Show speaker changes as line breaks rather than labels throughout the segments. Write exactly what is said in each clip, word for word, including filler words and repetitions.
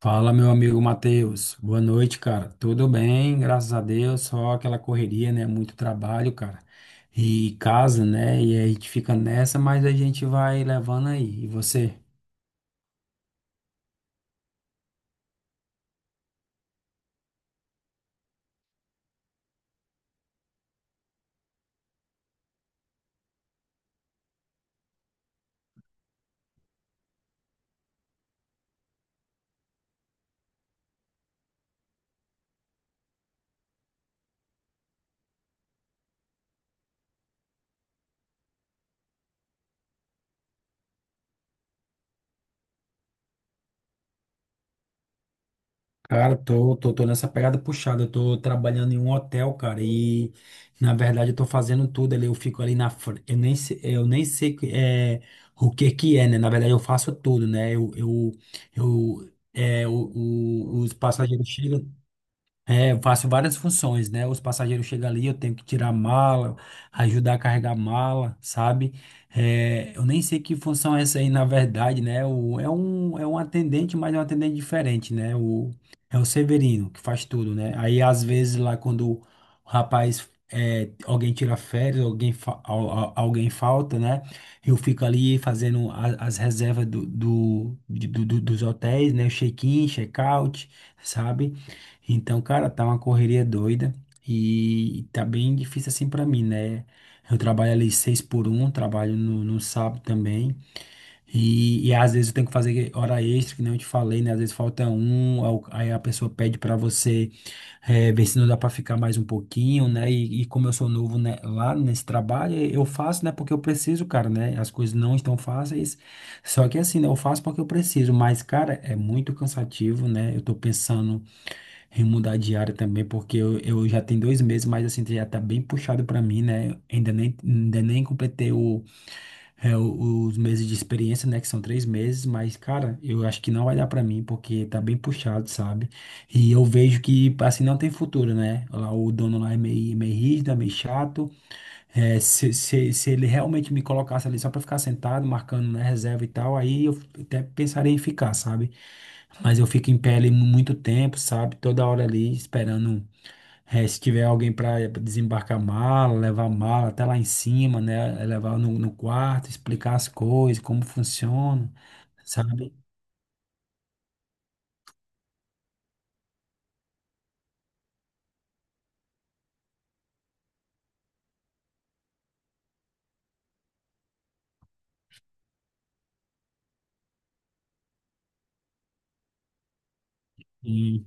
Fala, meu amigo Matheus. Boa noite, cara. Tudo bem, graças a Deus. Só aquela correria, né? Muito trabalho, cara. E casa, né? E a gente fica nessa, mas a gente vai levando aí. E você? Cara, tô, tô, tô nessa pegada puxada. Eu tô trabalhando em um hotel, cara. E na verdade eu tô fazendo tudo ali. Eu fico ali na frente. Eu nem sei, eu nem sei que- é, o que que é, né? Na verdade eu faço tudo, né? Eu, eu, eu, é, o, o- os passageiros chegam. É, eu faço várias funções, né? Os passageiros chegam ali, eu tenho que tirar a mala, ajudar a carregar a mala, sabe? É, eu nem sei que função é essa aí, na verdade, né? O, é um, é um atendente, mas é um atendente diferente, né? O, é o Severino que faz tudo, né? Aí, às vezes, lá quando o rapaz, é, alguém tira férias, alguém, fa- al- al- alguém falta, né? Eu fico ali fazendo a- as reservas do, do, de- do, do- dos hotéis, né? Check-in, check-out, sabe? Então, cara, tá uma correria doida e tá bem difícil assim pra mim, né? Eu trabalho ali seis por um, trabalho no, no sábado também. E, e às vezes eu tenho que fazer hora extra, que nem eu te falei, né? Às vezes falta um, aí o- aí a pessoa pede pra você eh, ver se não dá pra ficar mais um pouquinho, né? E, e como eu sou novo, né, lá nesse trabalho, eu faço, né? Porque eu preciso, cara, né? As coisas não estão fáceis. Só que assim, né? Eu faço porque eu preciso. Mas, cara, é muito cansativo, né? Eu tô pensando em mudar de área também, porque eu, eu já tenho dois meses, mas assim, já tá bem puxado pra mim, né? Ainda nem, ainda nem completei o, é, o- os meses de experiência, né? Que são três meses, mas, cara, eu acho que não vai dar pra mim, porque tá bem puxado, sabe? E eu vejo que, assim, não tem futuro, né? Lá, o dono lá é meio, meio rígido, é meio chato, é, se, se, se ele realmente me colocasse ali só para ficar sentado, marcando, né, reserva e tal, aí eu até pensaria em ficar, sabe? Mas eu fico em pé ali muito tempo, sabe? Toda hora ali esperando, é, se tiver alguém para desembarcar a mala, levar a mala até lá em cima, né? Levar no, no quarto, explicar as coisas, como funciona, sabe? E,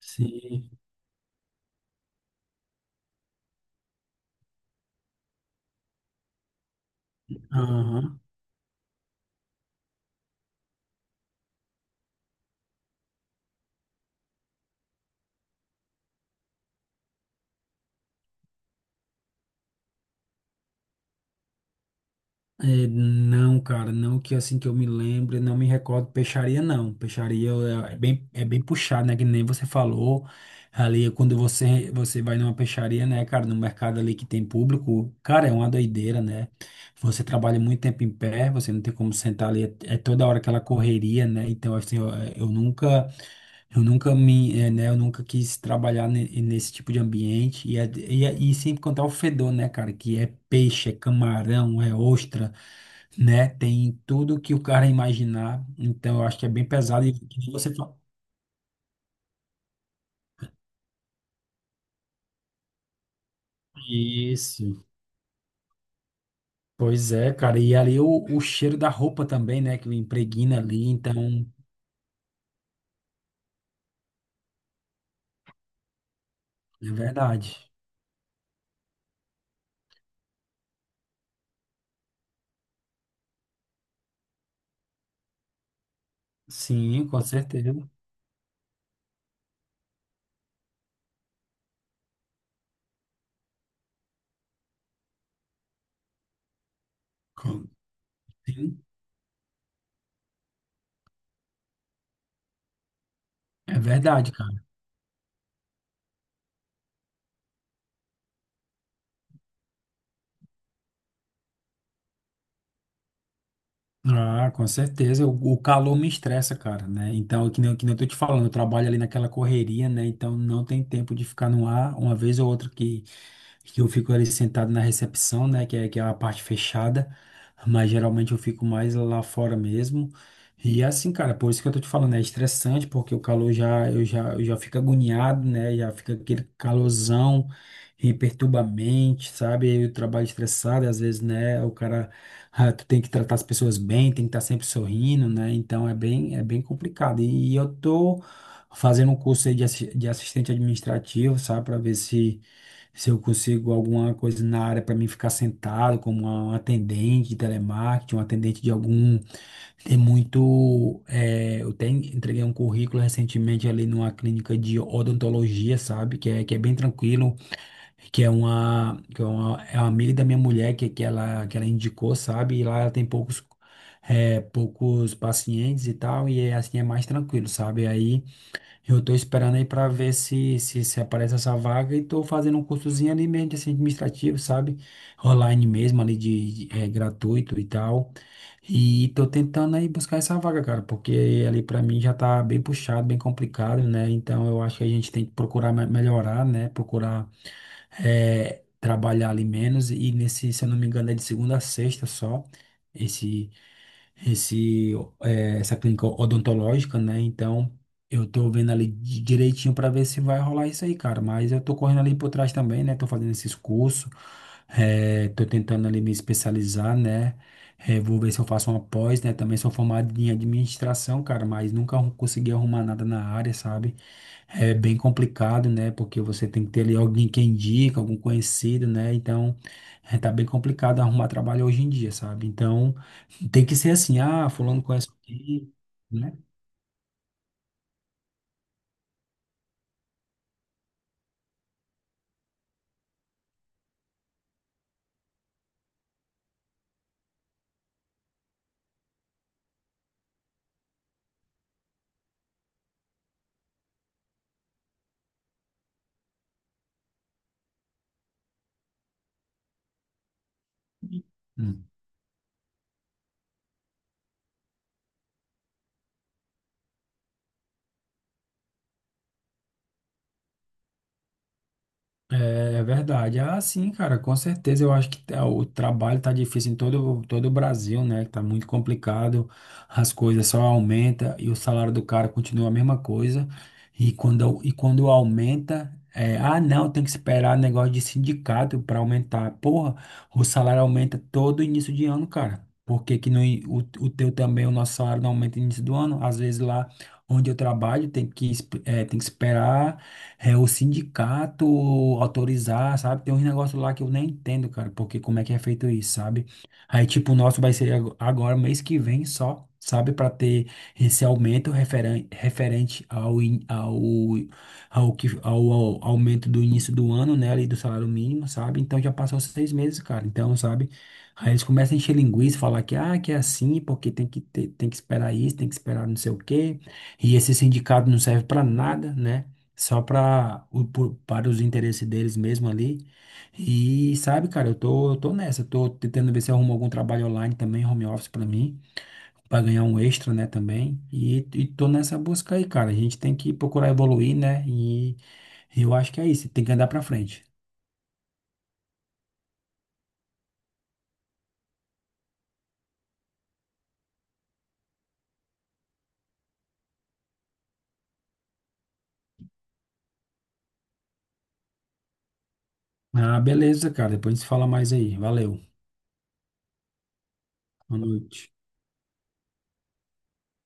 sim. Aham. É, não, cara, não que assim que eu me lembre, não me recordo, peixaria não, peixaria é é bem, é bem puxado, né, que nem você falou, ali quando você, você vai numa peixaria, né, cara, no mercado ali que tem público, cara, é uma doideira, né, você trabalha muito tempo em pé, você não tem como sentar ali, é, é toda hora aquela correria, né, então assim, eu, eu nunca, eu nunca me, é, né, eu nunca quis trabalhar ne- nesse tipo de ambiente e, é- e, é- e sem contar o fedor, né, cara, que é peixe, é camarão, é ostra, né, tem tudo que o cara imaginar. Então, eu acho que é bem pesado e que nem você fala isso. Pois é, cara, e ali o, o cheiro da roupa também, né, que impregna ali, então, é verdade. Sim, com certeza. Com- Sim, é verdade, cara. Ah, com certeza. O, o calor me estressa, cara, né? Então, que nem, que nem eu tô te falando, eu trabalho ali naquela correria, né? Então, não tem tempo de ficar no ar. Uma vez ou outra que, que eu fico ali sentado na recepção, né? Que é, que é a parte fechada. Mas geralmente eu fico mais lá fora mesmo. E é assim, cara, por isso que eu tô te falando, é estressante, porque o calor já, eu já, eu já fico agoniado, né? Já fica aquele calorzão e perturba a mente, sabe? E o trabalho estressado, às vezes, né? O cara, ah, tu tem que tratar as pessoas bem, tem que estar sempre sorrindo, né? Então é bem, é bem complicado. E, eu tô fazendo um curso aí de, assi- de assistente administrativo, sabe? Para ver se se eu consigo alguma coisa na área para mim ficar sentado como um atendente de telemarketing, um atendente de algum. Tem muito. eh, eu tenho, entreguei um currículo recentemente ali numa clínica de odontologia, sabe? Que é, que é bem tranquilo que é uma, que é uma, é uma amiga da minha mulher que, que ela, que ela indicou, sabe? E lá ela tem poucos, é, poucos pacientes e tal, e é, assim é mais tranquilo, sabe? Aí eu tô esperando aí pra ver se, se, se aparece essa vaga e tô fazendo um cursozinho ali mesmo de assim, administrativo, sabe? Online mesmo, ali de, de- é, gratuito e tal. E tô tentando aí buscar essa vaga, cara, porque ali pra mim já tá bem puxado, bem complicado, né? Então eu acho que a gente tem que procurar me- melhorar, né? Procurar é, trabalhar ali menos e nesse, se eu não me engano, é de segunda a sexta só, esse, esse, é, essa clínica odontológica, né? Então, eu tô vendo ali di- direitinho para ver se vai rolar isso aí, cara, mas eu tô correndo ali por trás também, né? Tô fazendo esses cursos, é, tô tentando ali me especializar, né? É, vou ver se eu faço uma pós, né? Também sou formado em administração, cara, mas nunca arru- consegui arrumar nada na área, sabe? É bem complicado, né? Porque você tem que ter ali alguém que indica, algum conhecido, né? Então, é, tá bem complicado arrumar trabalho hoje em dia, sabe? Então, tem que ser assim, ah, fulano conhece alguém, né? Hum. É, é verdade. Ah, sim, cara, com certeza. Eu acho que tá- O trabalho tá difícil em todo, todo o Brasil, né? Tá muito complicado, as coisas só aumentam e o salário do cara continua a mesma coisa. E quando, e quando aumenta, é, ah, não, tem que esperar negócio de sindicato para aumentar. Porra, o salário aumenta todo início de ano, cara. Por que que não, i- o, o teu também, o nosso salário não aumenta no início do ano? Às vezes lá onde eu trabalho tem que, esp- é, tem que esperar é o sindicato autorizar, sabe? Tem uns negócios lá que eu nem entendo, cara, porque como é que é feito isso, sabe? Aí, tipo, o nosso vai ser ago- agora, mês que vem só, sabe? Para ter esse aumento referen referente ao, in- ao, ao, que, ao, ao aumento do início do ano, né? Ali do salário mínimo, sabe? Então já passou seis meses, cara. Então, sabe? Aí eles começam a encher linguiça, falar que, ah, que é assim, porque tem que ter, tem que esperar isso, tem que esperar não sei o quê. E esse sindicato não serve para nada, né? só para o- para os interesses deles mesmo ali. E sabe, cara, eu tô, eu tô nessa, eu tô tentando ver se eu arrumo algum trabalho online também, home office para mim, para ganhar um extra, né, também. E, e tô nessa busca aí, cara. A gente tem que procurar evoluir, né? E eu acho que é isso, tem que andar para frente. Ah, beleza, cara. Depois a gente se fala mais aí. Valeu. Boa noite.